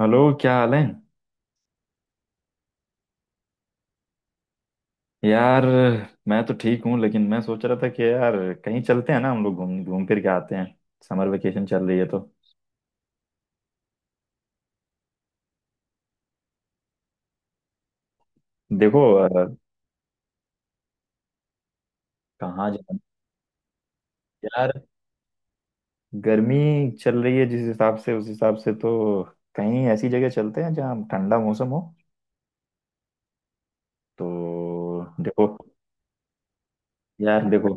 Hello, क्या हाल है? यार, मैं तो ठीक हूँ लेकिन मैं सोच रहा था कि यार, कहीं चलते हैं ना। हम लोग घूम घूम फिर के आते हैं। समर वेकेशन चल रही है। तो देखो, कहाँ जाना? यार, गर्मी चल रही है जिस हिसाब से, उस हिसाब से तो कहीं ऐसी जगह चलते हैं जहाँ ठंडा मौसम हो। तो देखो, यार देखो,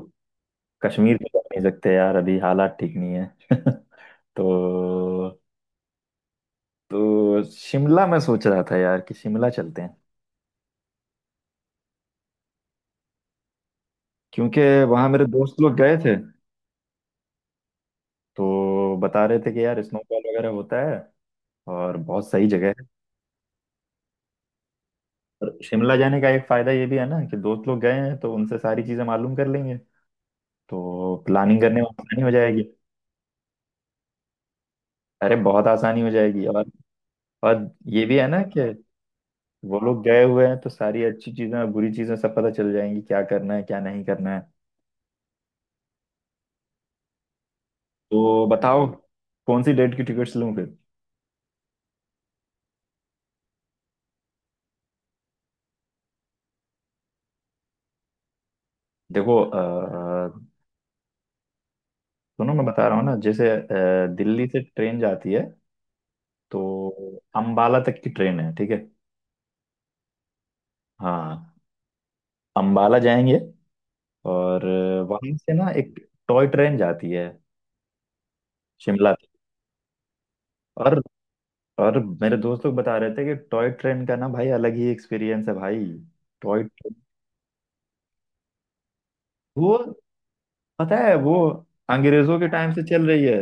कश्मीर तो जा नहीं सकते यार, अभी हालात ठीक नहीं है। तो शिमला, मैं सोच रहा था यार कि शिमला चलते हैं। क्योंकि वहां मेरे दोस्त लोग गए थे तो बता रहे थे कि यार, स्नोफॉल वगैरह होता है और बहुत सही जगह है। और शिमला जाने का एक फायदा ये भी है ना कि दोस्त लोग गए हैं तो उनसे सारी चीजें मालूम कर लेंगे, तो प्लानिंग करने में आसानी हो जाएगी। अरे, बहुत आसानी हो जाएगी। और और ये भी है ना कि वो लोग गए हुए हैं तो सारी अच्छी चीजें और बुरी चीजें सब पता चल जाएंगी, क्या करना है क्या नहीं करना है। तो बताओ, कौन सी डेट की टिकट्स लूँ फिर? देखो, सुनो, मैं बता रहा हूँ ना। जैसे दिल्ली से ट्रेन जाती है, तो अंबाला तक की ट्रेन है, ठीक है? हाँ, अंबाला जाएंगे। और वहां से ना एक टॉय ट्रेन जाती है शिमला तक। और मेरे दोस्त लोग बता रहे थे कि टॉय ट्रेन का ना भाई अलग ही एक्सपीरियंस है भाई। टॉय ट्रेन, वो, पता है वो अंग्रेजों के टाइम से चल रही है।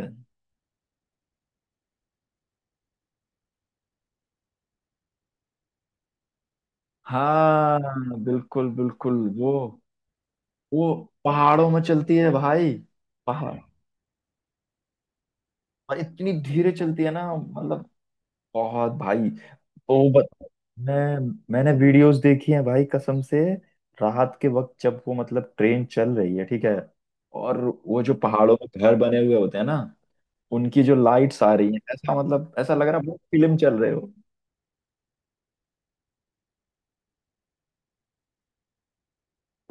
हाँ, बिल्कुल बिल्कुल। वो पहाड़ों में चलती है भाई। पहाड़, और इतनी धीरे चलती है ना, मतलब बहुत भाई। ओ बत, मैं, मैंने वीडियोस देखी हैं भाई, कसम से। रात के वक्त जब वो मतलब ट्रेन चल रही है, ठीक है। और वो जो पहाड़ों में घर बने हुए होते हैं ना, उनकी जो लाइट्स आ रही हैं, ऐसा मतलब ऐसा लग रहा है बहुत फिल्म चल रहे हो।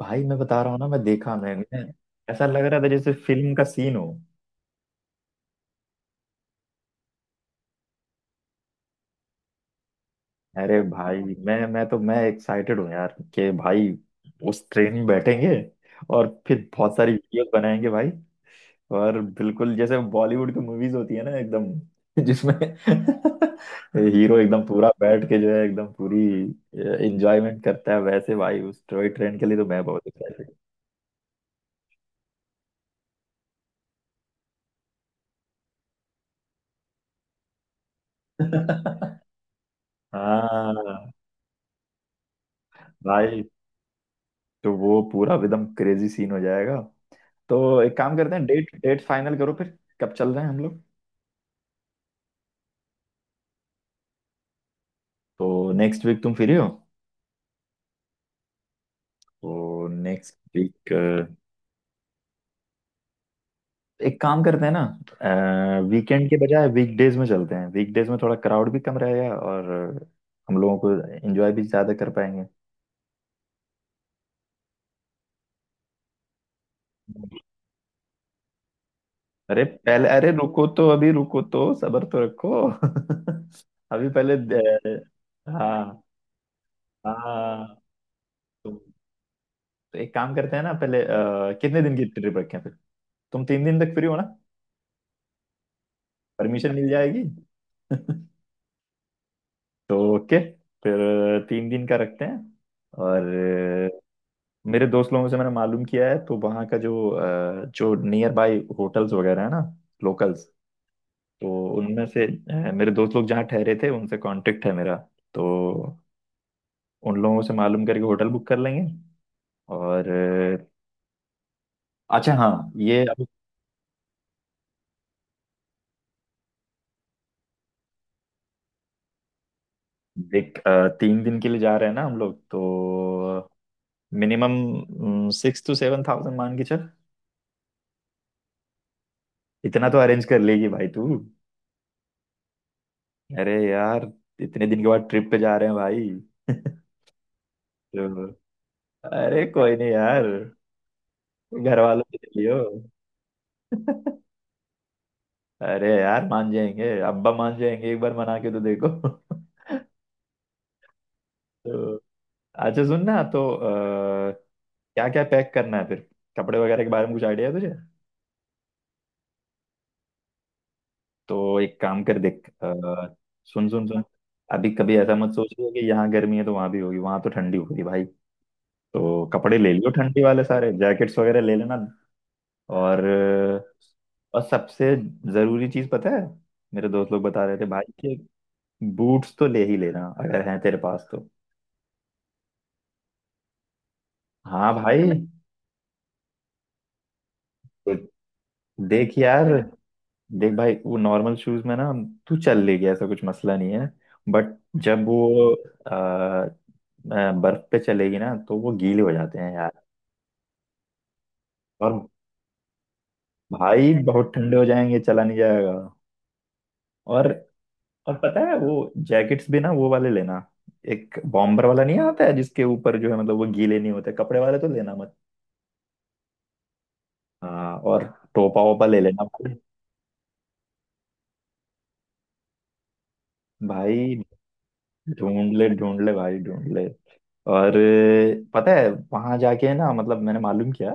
भाई मैं बता रहा हूँ ना, मैं देखा, मैंने, ऐसा लग रहा था जैसे फिल्म का सीन हो। अरे भाई, मैं तो मैं एक्साइटेड हूँ यार कि भाई उस ट्रेन में बैठेंगे और फिर बहुत सारी वीडियोस बनाएंगे भाई। और बिल्कुल जैसे बॉलीवुड की मूवीज होती है ना एकदम, जिसमें हीरो एकदम पूरा बैठ के जो है एकदम पूरी एंजॉयमेंट करता है, वैसे भाई उस टॉय ट्रेन के लिए तो मैं बहुत एक्साइटेड हूँ। हाँ भाई, तो वो पूरा एकदम क्रेजी सीन हो जाएगा। तो एक काम करते हैं, डेट डेट फाइनल करो, फिर कब चल रहे हैं हम लोग? तो नेक्स्ट वीक तुम फ्री हो? तो नेक्स्ट वीक एक काम करते हैं ना, वीकेंड के बजाय वीकडेज में चलते हैं। वीकडेज में थोड़ा क्राउड भी कम रहेगा और हम लोगों को एंजॉय भी ज्यादा कर पाएंगे। अरे पहले, अरे रुको तो, अभी रुको तो, सब्र तो रखो। अभी पहले हाँ हाँ। तो, तो एक काम करते हैं ना, पहले कितने दिन की ट्रिप रखें फिर? तुम 3 दिन तक फ्री हो ना? परमिशन मिल जाएगी। तो ओके, फिर 3 दिन का रखते हैं। और मेरे दोस्त लोगों से मैंने मालूम किया है, तो वहाँ का जो जो नियर बाय होटल्स वगैरह है ना, लोकल्स, तो उनमें से मेरे दोस्त लोग जहाँ ठहरे थे उनसे कांटेक्ट है मेरा। तो उन लोगों से मालूम करके होटल बुक कर लेंगे। और अच्छा हाँ, ये अब देख, 3 दिन के लिए जा रहे हैं ना हम लोग, तो मिनिमम 6-7 थाउजेंड मान के चल। इतना तो अरेंज कर लेगी भाई तू। अरे यार, इतने दिन के बाद ट्रिप पे जा रहे हैं भाई। तो अरे, कोई नहीं यार, घर वालों के लिए हो। अरे यार, मान जाएंगे, अब्बा मान जाएंगे, एक बार मना के तो देखो। तो अच्छा, सुन ना, तो क्या क्या पैक करना है फिर? कपड़े वगैरह के बारे में कुछ आइडिया है तुझे? तो एक काम कर, देख, सुन सुन सुन, अभी कभी ऐसा मत सोचिए कि यहाँ गर्मी है तो वहां भी होगी। वहां तो ठंडी होगी भाई। तो कपड़े ले लियो, ठंडी वाले सारे जैकेट्स वगैरह ले लेना। और सबसे जरूरी चीज पता है, मेरे दोस्त लोग बता रहे थे भाई कि बूट्स तो ले ही लेना, अगर हैं तेरे पास तो। हाँ भाई, देख, देख यार, देख भाई, वो नॉर्मल शूज में ना तू चल लेगी, ऐसा कुछ मसला नहीं है। बट जब वो अ, बर्फ पे चलेगी ना तो वो गीले हो जाते हैं यार। और भाई बहुत ठंडे हो जाएंगे, चला नहीं जाएगा। और पता है, वो जैकेट्स भी ना, वो वाले लेना। एक बॉम्बर वाला नहीं आता है जिसके ऊपर जो है मतलब वो गीले नहीं होते, कपड़े वाले तो लेना मत। हाँ, और टोपा वोपा ले लेना भाई। भाई ढूंढ ले, ढूंढ ले भाई, ढूंढ ले। और पता है वहां जाके ना, मतलब मैंने मालूम किया,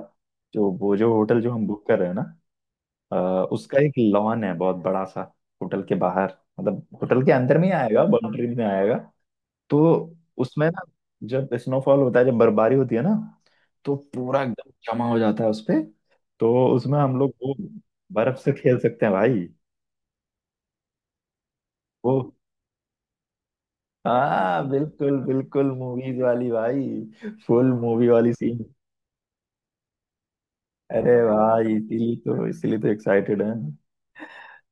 जो वो जो होटल जो हम बुक कर रहे हैं ना, अ, उसका एक लॉन है, बहुत बड़ा सा, होटल के बाहर, मतलब होटल के अंदर में ही आएगा, बाउंड्री में आएगा। तो उसमें ना, जब स्नोफॉल होता है, जब बर्फबारी होती है ना, तो पूरा एकदम जमा हो जाता है उसपे। तो उसमें हम लोग वो बर्फ से खेल सकते हैं भाई। वो हाँ, बिल्कुल बिल्कुल मूवीज वाली भाई, फुल मूवी वाली सीन। अरे भाई, इसीलिए तो, इसीलिए तो एक्साइटेड है।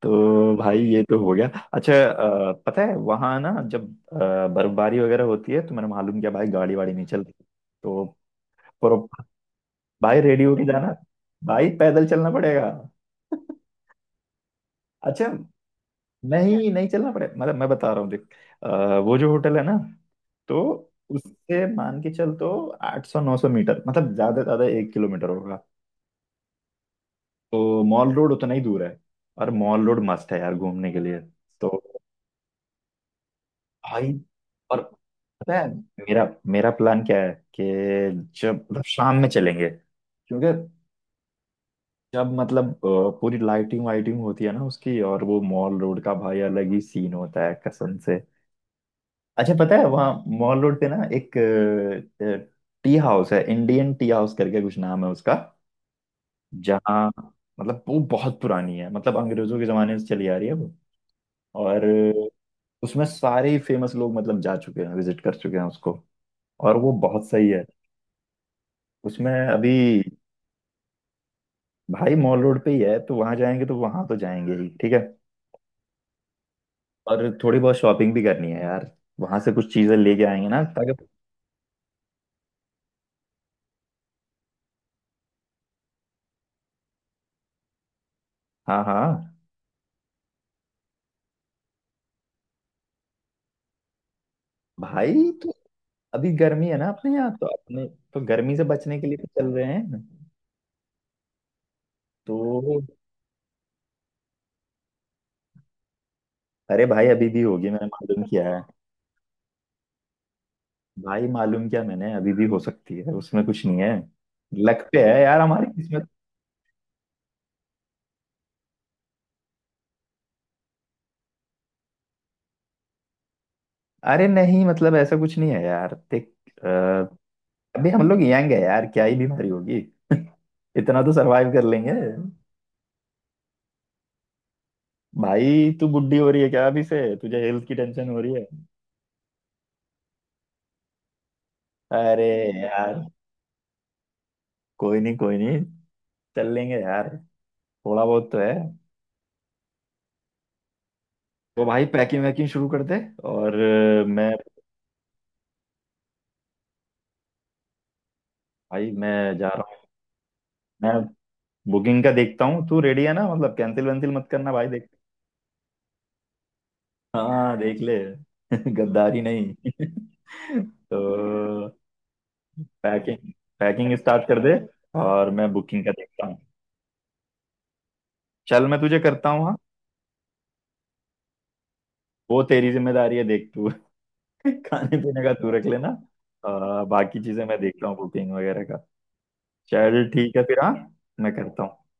तो भाई, ये तो हो गया। अच्छा, पता है वहाँ ना, जब बर्फबारी वगैरह होती है, तो मैंने मालूम किया भाई, गाड़ी वाड़ी नहीं चलती। तो पर भाई रेडी होके जाना, भाई पैदल चलना पड़ेगा। अच्छा नहीं, नहीं चलना पड़ेगा मतलब, मैं बता रहा हूँ, देख, अ, वो जो होटल है ना, तो उससे मान के चल तो 800-900 मीटर, मतलब ज्यादा से ज्यादा 1 किलोमीटर होगा। तो मॉल रोड उतना ही दूर है। और मॉल रोड मस्त है यार घूमने के लिए। तो भाई, और पता है मेरा, मेरा प्लान क्या है कि जब मतलब शाम में चलेंगे, क्योंकि जब मतलब पूरी लाइटिंग वाइटिंग होती है ना उसकी, और वो मॉल रोड का भाई अलग ही सीन होता है कसम से। अच्छा, पता है वहाँ मॉल रोड पे ना एक टी हाउस है, इंडियन टी हाउस करके कुछ नाम है उसका। जहाँ, मतलब वो बहुत पुरानी है, मतलब अंग्रेजों के जमाने से चली आ रही है वो। और उसमें सारे ही फेमस लोग मतलब जा चुके हैं, विजिट कर चुके हैं उसको। और वो बहुत सही है। उसमें अभी भाई मॉल रोड पे ही है, तो वहाँ जाएंगे, तो वहाँ तो जाएंगे ही, ठीक है। और थोड़ी बहुत शॉपिंग भी करनी है यार, वहां से कुछ चीजें लेके आएंगे ना ताकि। हाँ हाँ भाई, अभी गर्मी है ना अपने यहाँ, तो अपने, तो गर्मी से बचने के लिए तो चल रहे हैं तो। अरे भाई, अभी भी होगी, मैंने मालूम किया है। भाई मालूम क्या मैंने, अभी भी हो सकती है, उसमें कुछ नहीं है। लक पे है यार, हमारी किस्मत। अरे नहीं, मतलब ऐसा कुछ नहीं है यार, देख, अ, अभी हम लोग यंग है यार, क्या ही बीमारी होगी, इतना तो सरवाइव कर लेंगे। भाई, तू बुढ़ी हो रही है क्या, अभी से तुझे हेल्थ की टेंशन हो रही है? अरे यार कोई नहीं, कोई नहीं, चल लेंगे यार। थोड़ा बहुत तो है। तो भाई पैकिंग वैकिंग शुरू कर दे। और मैं, भाई मैं जा रहा हूँ। मैं बुकिंग का देखता हूँ, तू रेडी है ना मतलब, कैंसिल वैंसिल मत करना भाई, देख। हाँ, देख ले। गद्दारी नहीं। तो पैकिंग, पैकिंग स्टार्ट कर दे और मैं बुकिंग का देखता हूँ। चल, मैं तुझे करता हूँ हाँ। वो तेरी जिम्मेदारी है, देख तू। खाने पीने का तू रख लेना। बाकी चीजें मैं देखता हूँ, बुकिंग वगैरह का। चल ठीक है फिर, हाँ, मैं करता हूँ।